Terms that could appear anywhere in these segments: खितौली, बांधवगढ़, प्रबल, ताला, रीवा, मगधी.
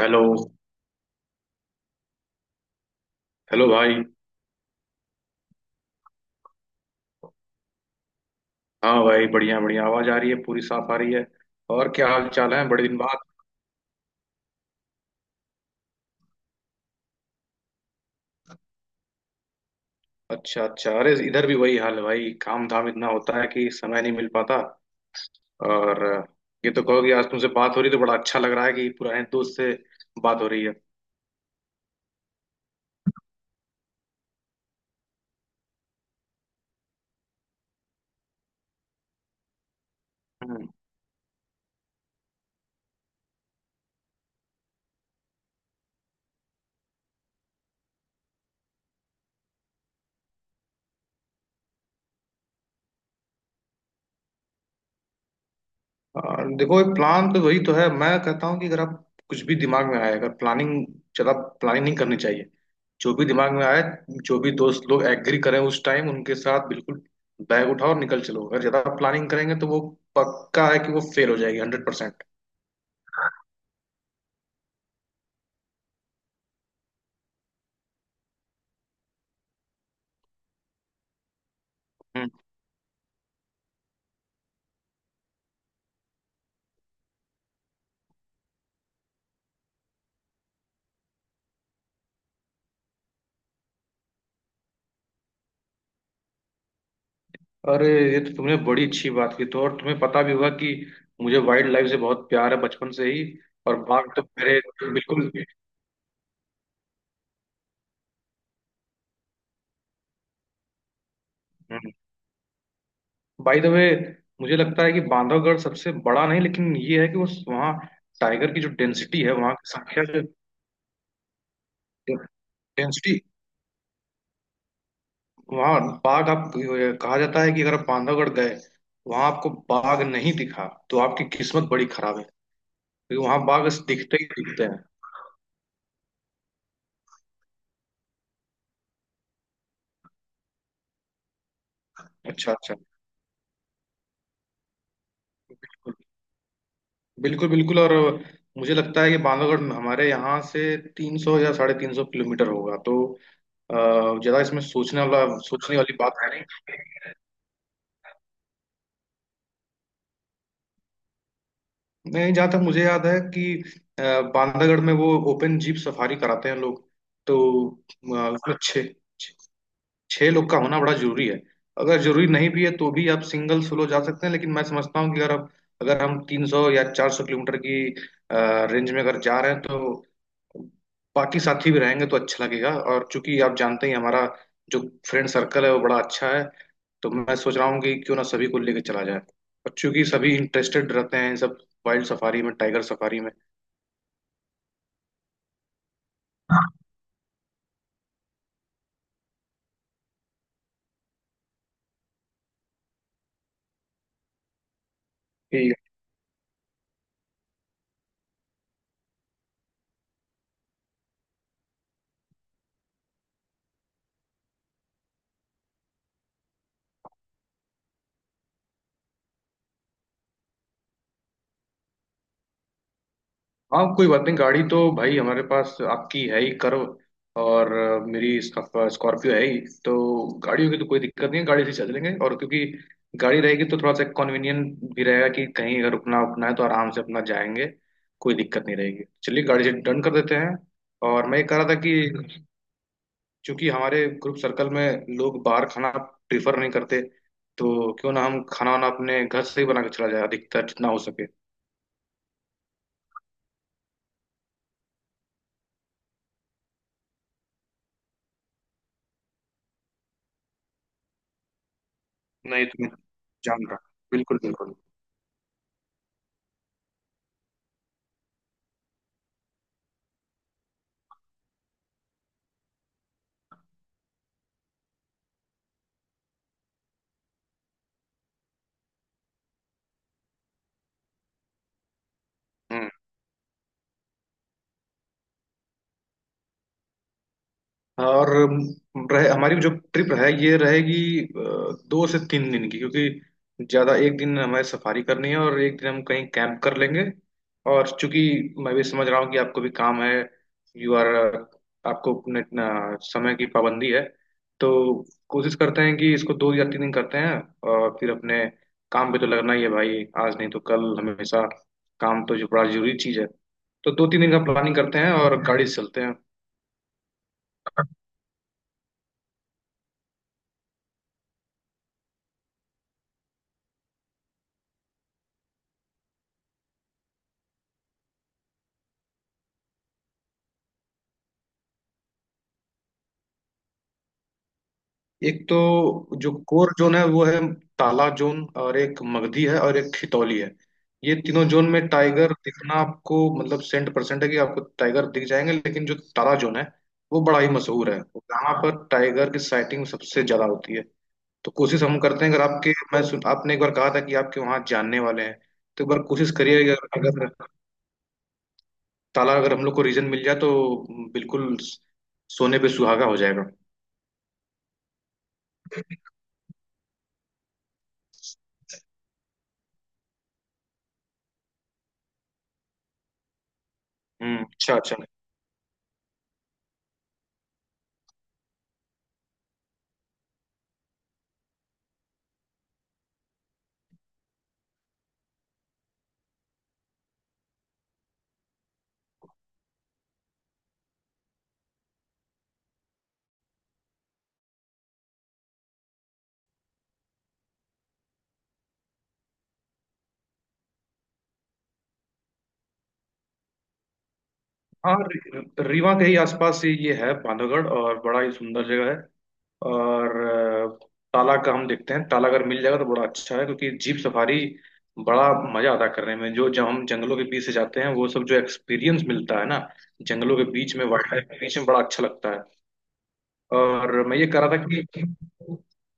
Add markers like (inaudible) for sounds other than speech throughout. Hello. Hello भाई। हाँ भाई, बढ़िया बढ़िया आवाज आ रही है, पूरी साफ आ रही है। और क्या हाल चाल है, बड़े दिन बाद? अच्छा अच्छा। अरे इधर भी वही हाल है भाई, काम धाम इतना होता है कि समय नहीं मिल पाता। और ये तो कहो कि आज तुमसे बात हो रही तो बड़ा अच्छा लग रहा है कि पुराने दोस्त से बात हो रही है। हम्म। और देखो, एक प्लान तो वही तो है। मैं कहता हूँ कि अगर आप कुछ भी दिमाग में आए, अगर प्लानिंग ज्यादा प्लानिंग नहीं करनी चाहिए। जो भी दिमाग में आए, जो भी दोस्त लोग एग्री करें उस टाइम उनके साथ बिल्कुल बैग उठाओ और निकल चलो। अगर ज्यादा प्लानिंग करेंगे तो वो पक्का है कि वो फेल हो जाएगी, 100%। हम्म। अरे ये तो तुमने बड़ी अच्छी बात की, तो और तुम्हें पता भी होगा कि मुझे वाइल्ड लाइफ से बहुत प्यार है बचपन से ही। और बाघ तो मेरे बिल्कुल। हम्म। बाय द वे, मुझे लगता है कि बांधवगढ़ सबसे बड़ा नहीं, लेकिन ये है कि वो वहाँ टाइगर की जो डेंसिटी है, वहाँ की संख्या, जो डेंसिटी वहाँ बाघ आप, कहा जाता है कि अगर आप बांधवगढ़ गए, वहां आपको बाघ नहीं दिखा तो आपकी किस्मत बड़ी खराब है। क्योंकि वहां बाघ दिखते ही दिखते हैं। अच्छा अच्छा। बिल्कुल। बिल्कुल बिल्कुल। और मुझे लगता है कि बांधवगढ़ हमारे यहाँ से 300 या 350 किलोमीटर होगा तो ज्यादा इसमें सोचने वाली बात है नहीं। नहीं, जहाँ तक मुझे याद है कि अ, बांधवगढ़ में वो ओपन जीप सफारी कराते हैं लोग। तो उसमें छः छह लोग का होना बड़ा जरूरी है। अगर जरूरी नहीं भी है तो भी आप सिंगल सोलो जा सकते हैं, लेकिन मैं समझता हूँ कि अगर हम 300 या 400 किलोमीटर की रेंज में अगर जा रहे हैं तो बाकी साथी भी रहेंगे तो अच्छा लगेगा। और चूंकि आप जानते ही हैं, हमारा जो फ्रेंड सर्कल है वो बड़ा अच्छा है। तो मैं सोच रहा हूँ कि क्यों ना सभी को लेके चला जाए, और चूंकि सभी इंटरेस्टेड रहते हैं इन सब वाइल्ड सफारी में, टाइगर सफारी में। ठीक। हाँ, कोई बात नहीं, गाड़ी तो भाई हमारे पास आपकी है ही कर्व, और मेरी स्कॉर्पियो है ही। तो गाड़ियों की तो कोई दिक्कत नहीं है, गाड़ी से चल लेंगे। और क्योंकि गाड़ी रहेगी तो थोड़ा सा कन्वीनियंट भी रहेगा कि कहीं अगर रुकना उकना है तो आराम से अपना जाएंगे। कोई दिक्कत नहीं रहेगी, चलिए गाड़ी से डन कर देते हैं। और मैं ये कह रहा था कि चूंकि हमारे ग्रुप सर्कल में लोग बाहर खाना प्रीफर नहीं करते, तो क्यों ना हम खाना वाना अपने घर से ही बना के चला जाए, अधिकतर जितना हो सके। नहीं, तो मैं जान रहा। बिल्कुल बिल्कुल। और रहे हमारी जो ट्रिप है ये रहेगी 2 से 3 दिन की, क्योंकि ज़्यादा एक दिन हमारी सफारी करनी है और एक दिन हम कहीं कैंप कर लेंगे। और चूंकि मैं भी समझ रहा हूँ कि आपको भी काम है, यू आर आपको अपने अपना समय की पाबंदी है, तो कोशिश करते हैं कि इसको 2 या 3 दिन करते हैं। और फिर अपने काम पे तो लगना ही है भाई, आज नहीं तो कल, हमेशा काम तो जो बड़ा जरूरी चीज़ है। तो दो तीन दिन का प्लानिंग करते हैं और गाड़ी से चलते हैं। एक तो जो कोर जोन है वो है ताला जोन, और एक मगधी है और एक खितौली है। ये तीनों जोन में टाइगर दिखना आपको मतलब सेंट परसेंट है कि आपको टाइगर दिख जाएंगे। लेकिन जो ताला जोन है वो बड़ा ही मशहूर है, यहाँ पर टाइगर की साइटिंग सबसे ज्यादा होती है। तो कोशिश हम करते हैं, अगर आपके मैं सुन आपने एक बार कहा था कि आपके वहाँ जानने वाले हैं, तो एक बार कोशिश करिए कि अगर अगर ताला अगर हम लोग को रीजन मिल जाए तो बिल्कुल सोने पे सुहागा हो जाएगा। हम्म। अच्छा अच्छा। हाँ, रीवा के ही आसपास ही ये है बांधवगढ़, और बड़ा ही सुंदर जगह है। और अ, ताला का हम देखते हैं, ताला अगर मिल जाएगा तो बड़ा अच्छा है क्योंकि जीप सफारी बड़ा मजा आता है करने में, जो जब हम जंगलों के बीच से जाते हैं वो सब जो एक्सपीरियंस मिलता है ना, जंगलों के बीच में, वाइल्ड लाइफ के बीच में बड़ा अच्छा लगता है। और मैं ये कह रहा था कि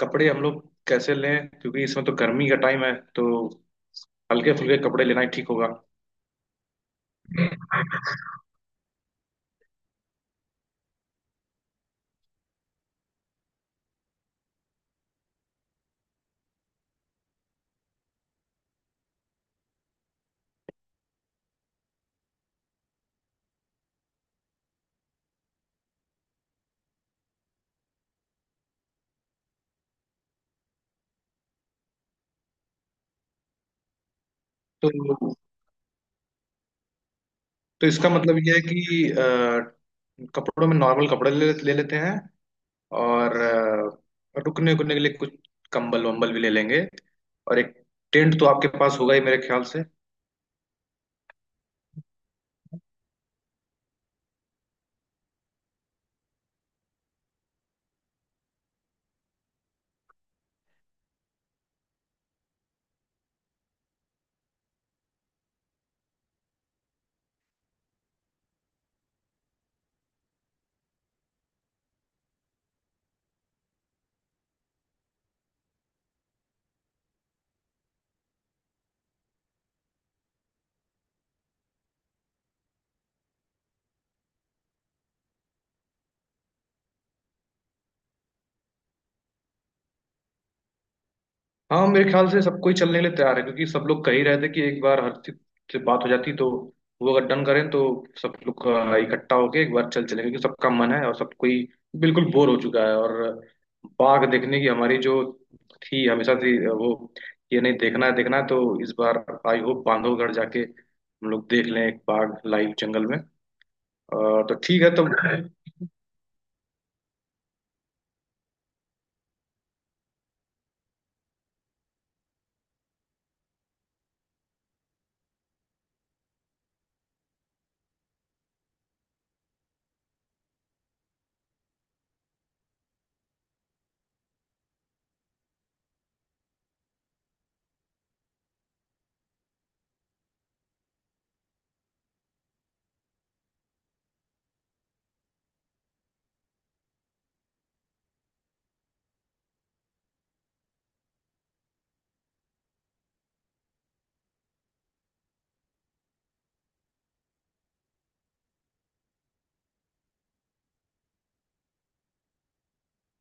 कपड़े हम लोग कैसे लें, क्योंकि इसमें तो गर्मी का टाइम है तो हल्के फुल्के कपड़े लेना ही ठीक होगा। तो तो इसका मतलब ये है कि कपड़ों में नॉर्मल कपड़े ले लेते हैं, और रुकने उकने के लिए कुछ कंबल वंबल भी ले लेंगे। और एक टेंट तो आपके पास होगा ही मेरे ख्याल से। हाँ, मेरे ख्याल से सब कोई चलने के लिए तैयार है, क्योंकि सब लोग कह ही रहे थे कि एक बार हर चीज से बात हो जाती, तो वो अगर डन करें तो सब लोग इकट्ठा होके एक बार चल चले, क्योंकि सबका मन है और सब कोई बिल्कुल बोर हो चुका है। और बाघ देखने की हमारी जो थी हमेशा थी वो ये नहीं देखना है, देखना है तो इस बार आई होप बांधवगढ़ जाके हम लोग देख लें एक बाघ लाइव जंगल में। और तो ठीक है तो (laughs)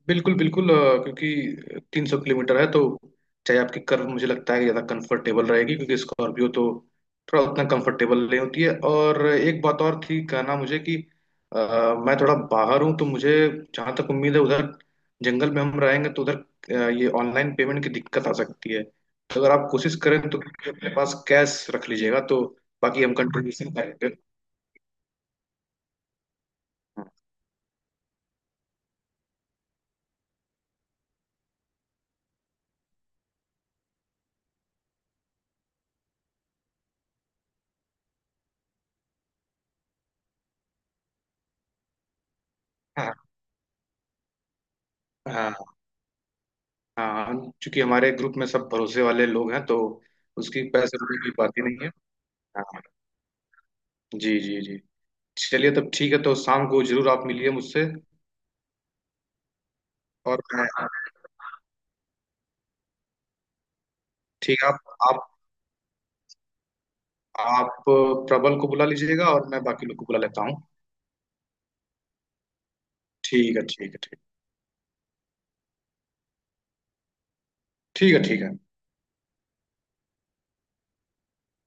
बिल्कुल बिल्कुल, क्योंकि 300 किलोमीटर है तो चाहे आपकी कर्व मुझे लगता है कि ज़्यादा कंफर्टेबल रहेगी, क्योंकि स्कॉर्पियो तो थोड़ा उतना कंफर्टेबल नहीं होती है। और एक बात और थी कहना मुझे कि अ, मैं थोड़ा बाहर हूँ तो मुझे जहाँ तक उम्मीद है, उधर जंगल में हम रहेंगे तो उधर ये ऑनलाइन पेमेंट की दिक्कत आ सकती है, तो अगर आप कोशिश करें तो अपने पास कैश रख लीजिएगा तो बाकी हम कंट्रीब्यूशन करेंगे। हाँ हाँ हाँ। चूंकि हमारे ग्रुप में सब भरोसे वाले लोग हैं तो उसकी पैसे रुपए की बात ही नहीं है। हाँ जी जी जी। चलिए तब ठीक है, तो शाम को जरूर आप मिलिए मुझसे। और मैं ठीक है, आप प्रबल को बुला लीजिएगा और मैं बाकी लोग को बुला लेता हूँ। ठीक है। ठीक है। ठीक। ठीक है। ठीक है।